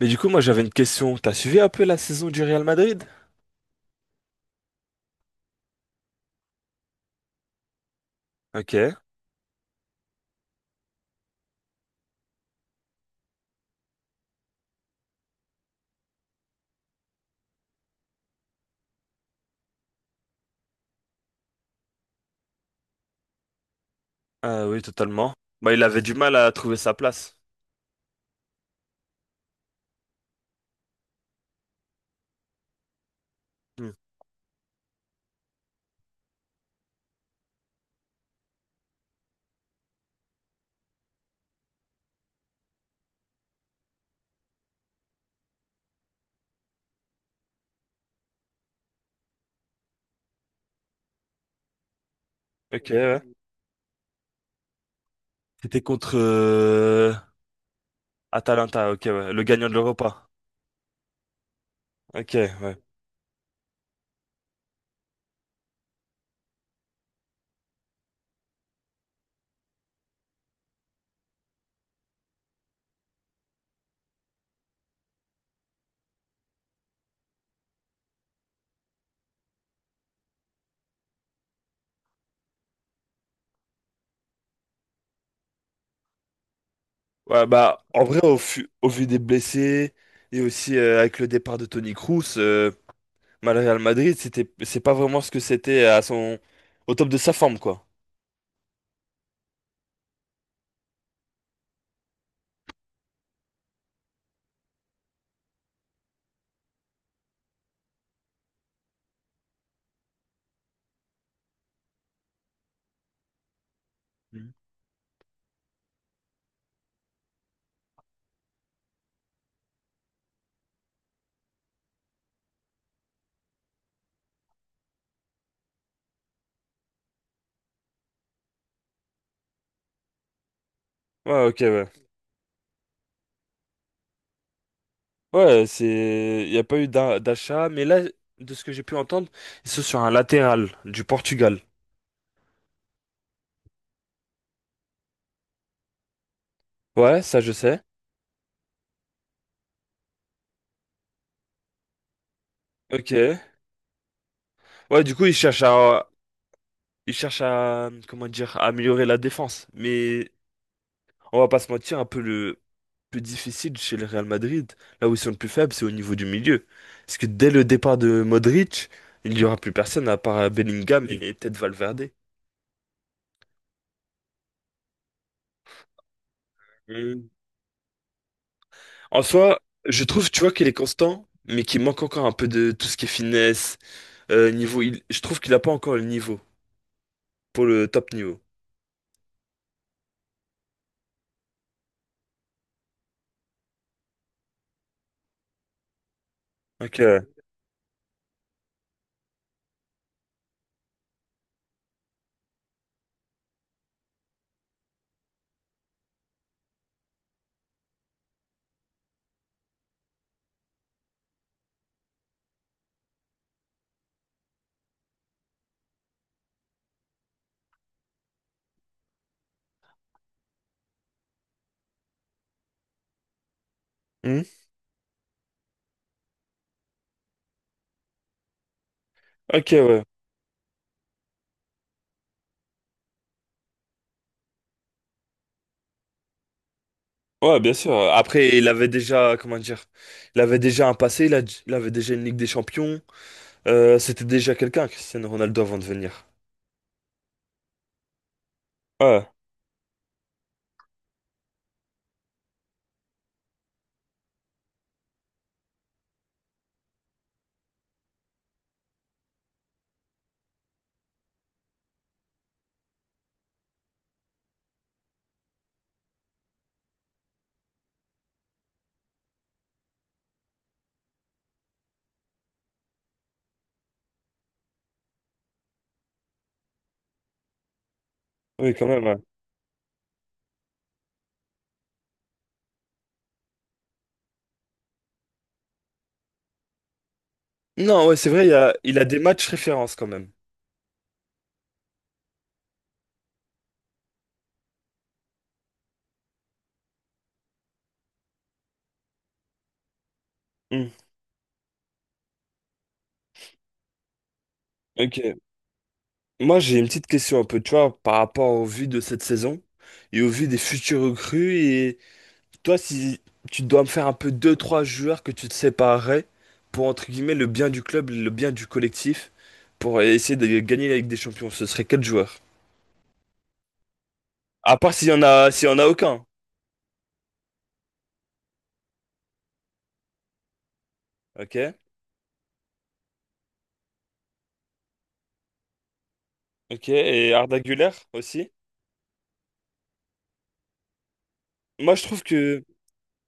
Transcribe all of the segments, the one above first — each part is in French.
Mais du coup, moi j'avais une question. T'as suivi un peu la saison du Real Madrid? Ok. Ah oui, totalement. Bah, il avait du mal à trouver sa place. Hmm. Ok, ouais. C'était contre Atalanta, ok, ouais. Le gagnant de l'Europa. Ok, ouais. Ouais, bah, en vrai, au, au vu des blessés et aussi avec le départ de Toni Kroos, bah, le Real Madrid, c'est pas vraiment ce que c'était à au top de sa forme, quoi. Hmm. Ouais, ok, ouais. Ouais, c'est, il n'y a pas eu d'achat, mais là, de ce que j'ai pu entendre, ils sont sur un latéral du Portugal. Ouais, ça je sais. Ok. Ouais, du coup, ils cherchent à, comment dire, à améliorer la défense. Mais on va pas se mentir, un peu le plus difficile chez le Real Madrid, là où ils sont le plus faibles, c'est au niveau du milieu. Parce que dès le départ de Modric, il n'y aura plus personne à part Bellingham et peut-être Valverde. Mm. En soi, je trouve, tu vois, qu'il est constant, mais qu'il manque encore un peu de tout ce qui est finesse. Niveau, je trouve qu'il a pas encore le niveau pour le top niveau. Ok, ouais. Hmm. Ok, ouais. Ouais, bien sûr. Après, il avait déjà, comment dire, il avait déjà un passé, il avait déjà une Ligue des Champions. C'était déjà quelqu'un, Cristiano Ronaldo, avant de venir. Ouais, oui, quand même, ouais. Non, ouais, c'est vrai, il a des matchs références quand même. Hmm. Ok. Moi, j'ai une petite question un peu, tu vois, par rapport au vu de cette saison et au vu des futurs recrues. Toi, si tu dois me faire un peu deux, trois joueurs que tu te séparerais pour, entre guillemets, le bien du club, le bien du collectif, pour essayer de gagner la Ligue des Champions, ce serait quel joueur? À part s'il y en a, s'il y en a aucun. Ok. Ok. Et Arda Güler aussi. Moi, je trouve que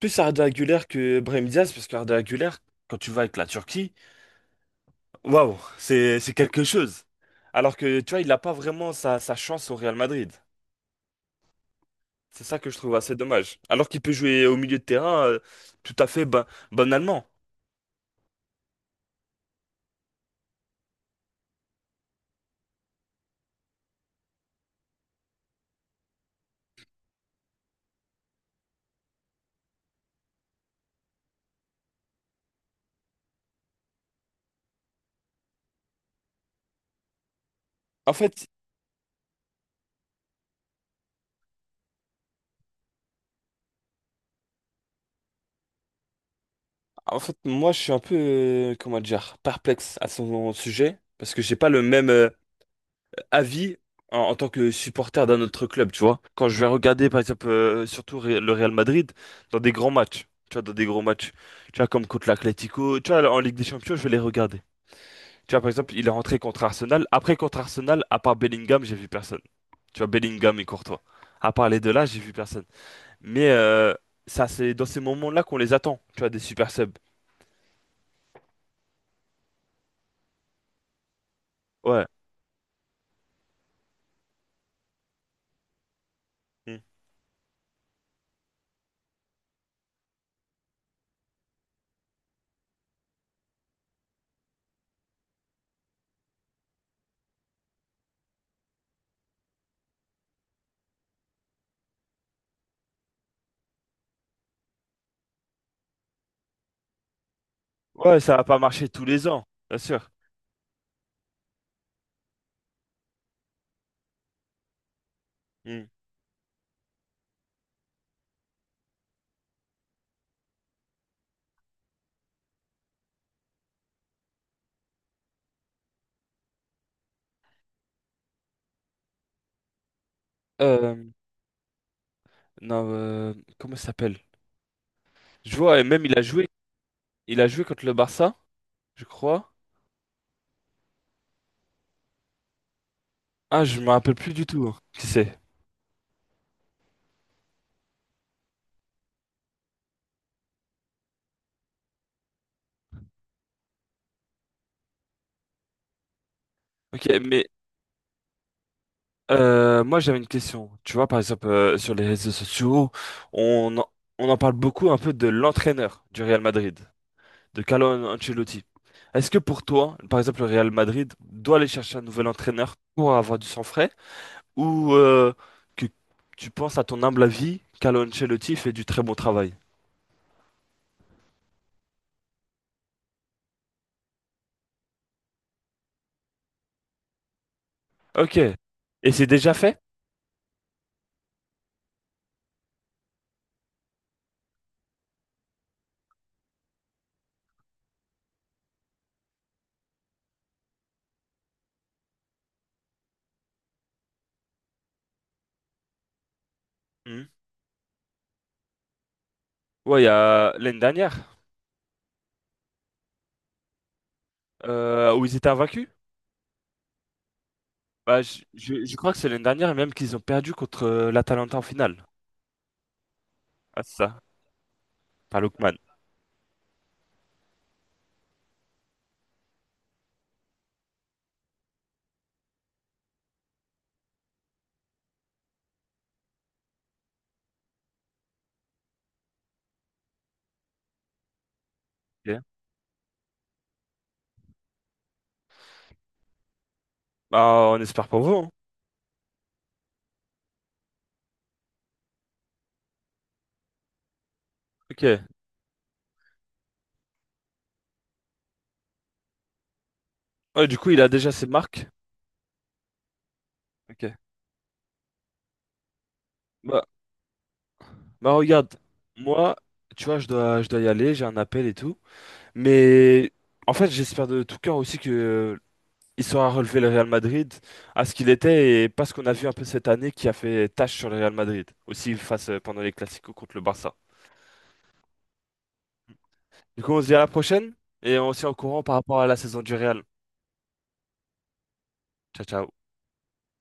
plus Arda Güler que Brahim Diaz, parce qu'Arda Güler, quand tu vas avec la Turquie, waouh, c'est quelque chose. Alors que tu vois, il n'a pas vraiment sa chance au Real Madrid. C'est ça que je trouve assez dommage. Alors qu'il peut jouer au milieu de terrain tout à fait banalement. En fait, en fait, moi, je suis un peu, comment dire, perplexe à son sujet parce que j'ai pas le même avis en tant que supporter d'un autre club, tu vois. Quand je vais regarder, par exemple, surtout le Real Madrid dans des grands matchs, tu vois, dans des gros matchs, tu vois, comme contre l'Atlético, tu vois, en Ligue des Champions, je vais les regarder. Tu vois, par exemple, il est rentré contre Arsenal. Après, contre Arsenal, à part Bellingham, j'ai vu personne. Tu vois, Bellingham et Courtois. À part les deux là, j'ai vu personne. Mais ça, c'est dans ces moments-là qu'on les attend, tu vois, des super subs. Ouais. Mm. Ouais, ça va pas marcher tous les ans, bien sûr. Mm. Euh, non, comment ça s'appelle? Je vois, et même il a joué contre le Barça, je crois. Ah, je me rappelle plus du tout, hein. Qui c'est? Ok, mais moi j'avais une question. Tu vois, par exemple, sur les réseaux sociaux, on en, on en parle beaucoup un peu de l'entraîneur du Real Madrid, de Carlo Ancelotti. Est-ce que pour toi, par exemple, le Real Madrid doit aller chercher un nouvel entraîneur pour avoir du sang frais ou que tu penses à ton humble avis, Carlo Ancelotti fait du très bon travail? Ok. Et c'est déjà fait? Mhm. Ouais, il y a l'année dernière où ils étaient invaincus. Bah, je crois que c'est l'année dernière même qu'ils ont perdu contre l'Atalanta en finale. Ah, c'est ça, par Lookman. Ok. Bah, on espère pour vous, hein. Ok. Ouais, du coup, il a déjà ses marques. Ok. Bah. Bah regarde, moi, tu vois, je dois y aller, j'ai un appel et tout. Mais en fait, j'espère de tout cœur aussi que il saura relever le Real Madrid à ce qu'il était et pas ce qu'on a vu un peu cette année qui a fait tache sur le Real Madrid. Aussi face pendant les Clasico contre le Barça. Du coup, on se dit à la prochaine et on se tient au courant par rapport à la saison du Real. Ciao, ciao.